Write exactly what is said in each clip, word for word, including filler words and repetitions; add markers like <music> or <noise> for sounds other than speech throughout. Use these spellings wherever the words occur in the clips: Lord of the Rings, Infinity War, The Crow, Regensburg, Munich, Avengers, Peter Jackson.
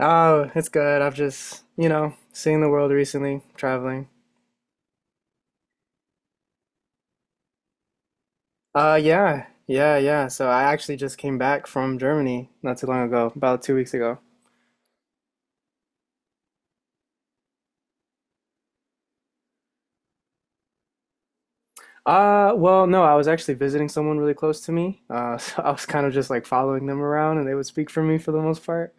Oh, it's good. I've just, you know, seen the world recently, traveling. Uh, yeah, yeah, yeah. So I actually just came back from Germany not too long ago, about two weeks ago. Uh, well, no, I was actually visiting someone really close to me. Uh, <laughs> so I was kind of just like following them around and they would speak for me for the most part.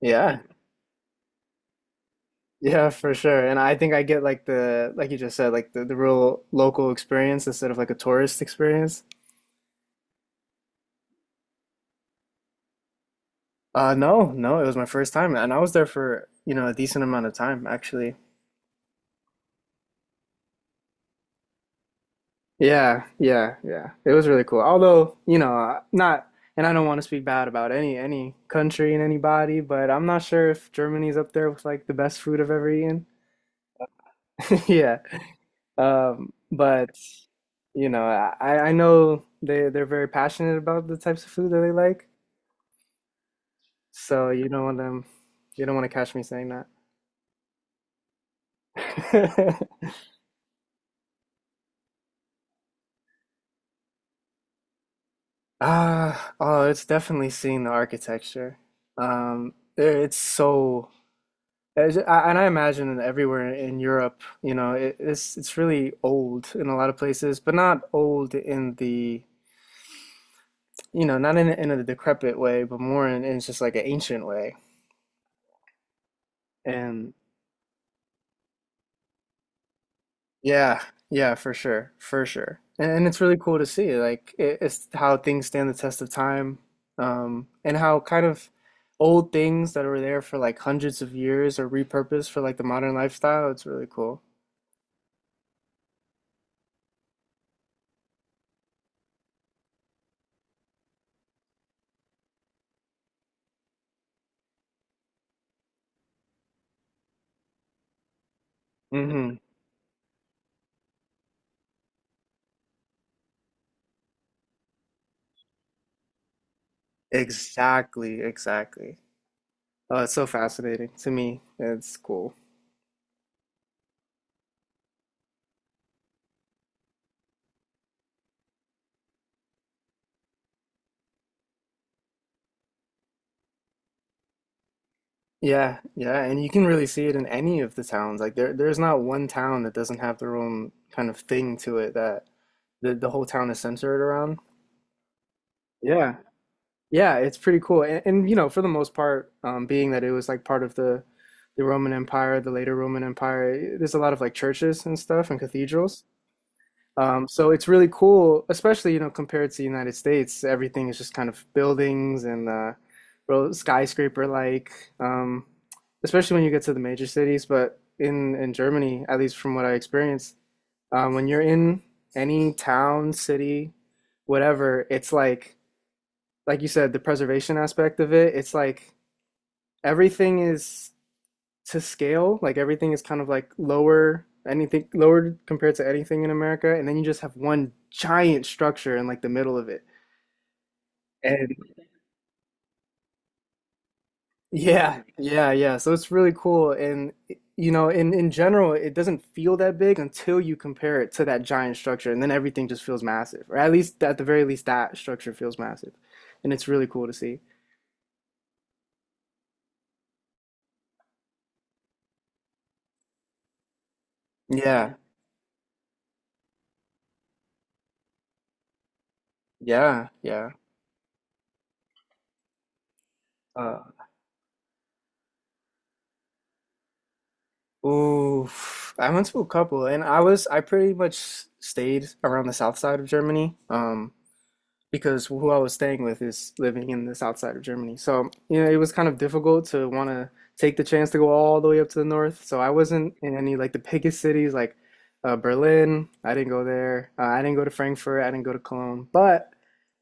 Yeah, yeah, for sure. And I think I get like the, like you just said, like the, the real local experience instead of like a tourist experience. Uh, no, no, it was my first time and I was there for, you know, a decent amount of time actually. Yeah, yeah, yeah. It was really cool. Although, you know, uh, not, and I don't want to speak bad about any any country and anybody, but I'm not sure if Germany's up there with like the best food I've ever eaten. <laughs> Yeah. Um, but you know, I I know they they're very passionate about the types of food that they like. So you don't want them, you don't want to catch me saying that. <laughs> Ah, oh, it's definitely seeing the architecture. Um, there- it's so As- I- And I imagine everywhere in Europe, you know, it, it's it's really old in a lot of places, but not old in the, you know, not in in a decrepit way, but more in, in just like an ancient way. And Yeah, yeah, for sure, for sure. And, and it's really cool to see, like it, it's how things stand the test of time, um, and how kind of old things that were there for like hundreds of years are repurposed for like the modern lifestyle. It's really cool. hmm Exactly, exactly. Oh, it's so fascinating to me. It's cool. Yeah, yeah, and you can really see it in any of the towns. Like there there's not one town that doesn't have their own kind of thing to it that the the whole town is centered around. Yeah. Yeah, it's pretty cool. And, and you know, for the most part, um, being that it was like part of the the Roman Empire, the later Roman Empire, there's a lot of like churches and stuff and cathedrals. Um, so it's really cool, especially, you know, compared to the United States, everything is just kind of buildings and uh, real skyscraper like, um, especially when you get to the major cities. But in in Germany, at least from what I experienced, um, when you're in any town, city, whatever, it's like like you said, the preservation aspect of it, it's like everything is to scale. Like everything is kind of like lower, anything lower compared to anything in America, and then you just have one giant structure in like the middle of it. And Yeah, yeah, yeah. So it's really cool. And you know, in in general, it doesn't feel that big until you compare it to that giant structure, and then everything just feels massive. Or at least at the very least, that structure feels massive, and it's really cool to see. Yeah, yeah, yeah. Uh, Ooh, I went to a couple, and I was I pretty much stayed around the south side of Germany, um, because who I was staying with is living in the south side of Germany. So, you know, it was kind of difficult to want to take the chance to go all the way up to the north. So I wasn't in any like the biggest cities like uh, Berlin. I didn't go there. Uh, I didn't go to Frankfurt. I didn't go to Cologne. But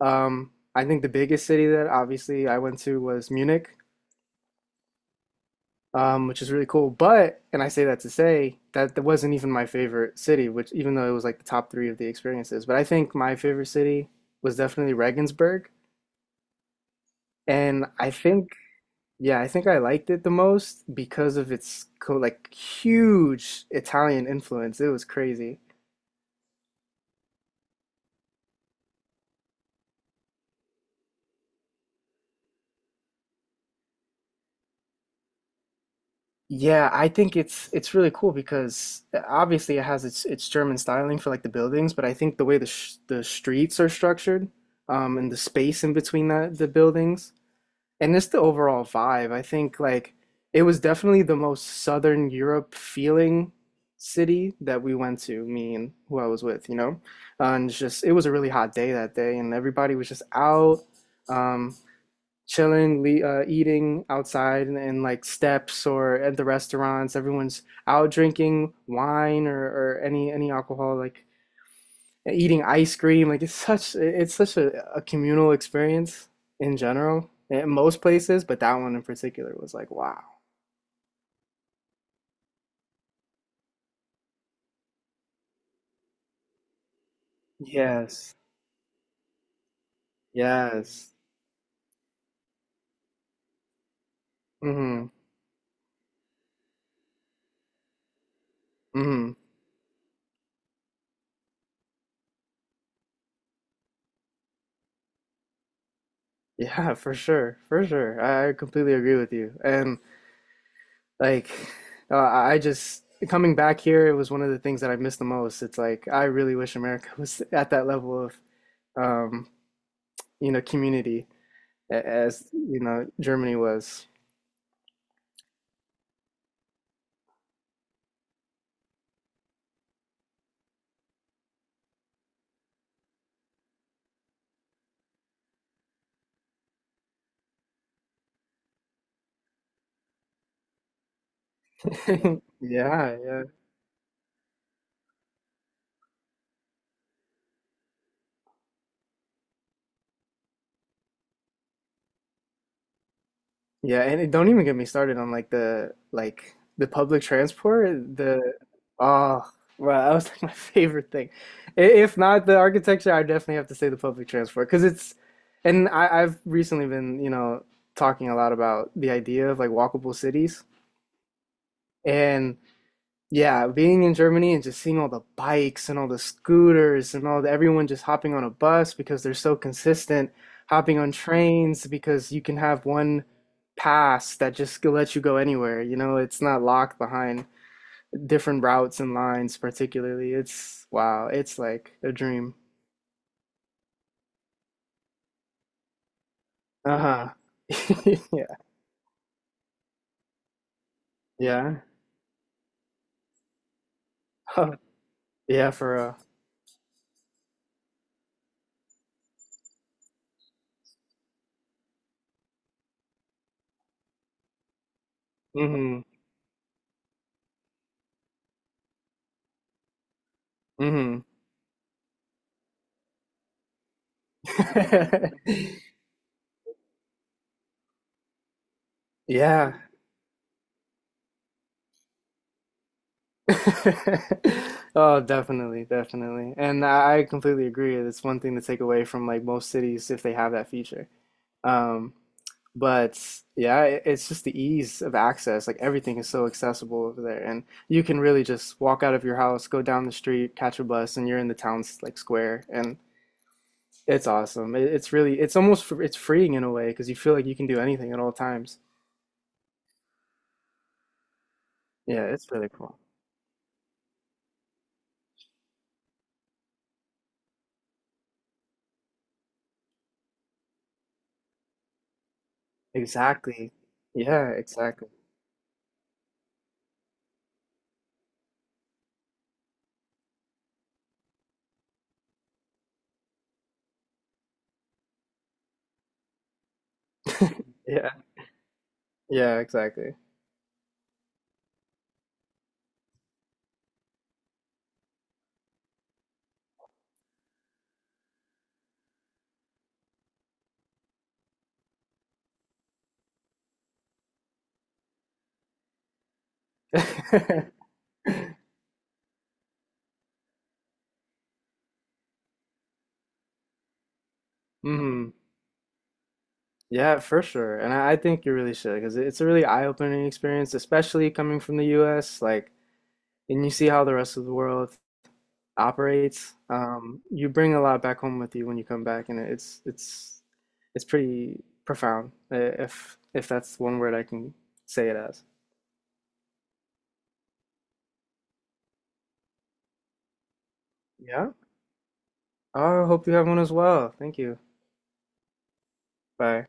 um, I think the biggest city that obviously I went to was Munich um, which is really cool. But, and I say that to say that that wasn't even my favorite city, which even though it was like the top three of the experiences, but I think my favorite city was definitely Regensburg, and I think yeah, I think I liked it the most because of its co like huge Italian influence. It was crazy. Yeah, I think it's it's really cool because uh, obviously it has its its German styling for like the buildings, but I think the way the sh the streets are structured, um, and the space in between the the buildings and it's the overall vibe. I think like it was definitely the most Southern Europe feeling city that we went to, me and who I was with, you know? Uh, and it's just, it was a really hot day that day, and everybody was just out, um, chilling, le uh, eating outside and, and like steps or at the restaurants. Everyone's out drinking wine or, or any any alcohol, like eating ice cream. Like it's such it's such a, a communal experience in general in most places, but that one in particular was like, wow. Yes. Yes. Mm-hmm. Mm-hmm. Yeah, for sure. For sure. I I completely agree with you. And like uh, I just Coming back here, it was one of the things that I missed the most. It's like I really wish America <laughs> was at that level of um, you know, community a- as, you know, Germany was. <laughs> Yeah, yeah. Yeah, and it, don't even get me started on like the like the public transport. The oh, well, that was like my <laughs> favorite thing. I- If not the architecture, I definitely have to say the public transport because it's, and I, I've recently been, you know, talking a lot about the idea of like walkable cities. And. Yeah, being in Germany and just seeing all the bikes and all the scooters and all the everyone just hopping on a bus because they're so consistent, hopping on trains because you can have one pass that just lets you go anywhere. You know, it's not locked behind different routes and lines, particularly. It's wow, it's like a dream. Uh-huh. <laughs> Yeah. Yeah. <laughs> Yeah, for real. Mm-hmm. Mm-hmm. <laughs> Yeah. <laughs> Oh, definitely, definitely. And I I completely agree. It's one thing to take away from like most cities if they have that feature. Um, but yeah, it, it's just the ease of access. Like everything is so accessible over there, and you can really just walk out of your house, go down the street, catch a bus, and you're in the town's like square. And it's awesome. It, it's really, it's almost, fr- it's freeing in a way because you feel like you can do anything at all times. Yeah, it's really cool. Exactly. Yeah, exactly. Yeah, yeah, exactly. <laughs> hmm Yeah, for sure. And I, I think you really should because it's a really eye-opening experience, especially coming from the U S. Like, and you see how the rest of the world operates. Um, you bring a lot back home with you when you come back, and it's it's it's pretty profound, uh, if if that's one word I can say it as. Yeah. I hope you have one as well. Thank you. Bye.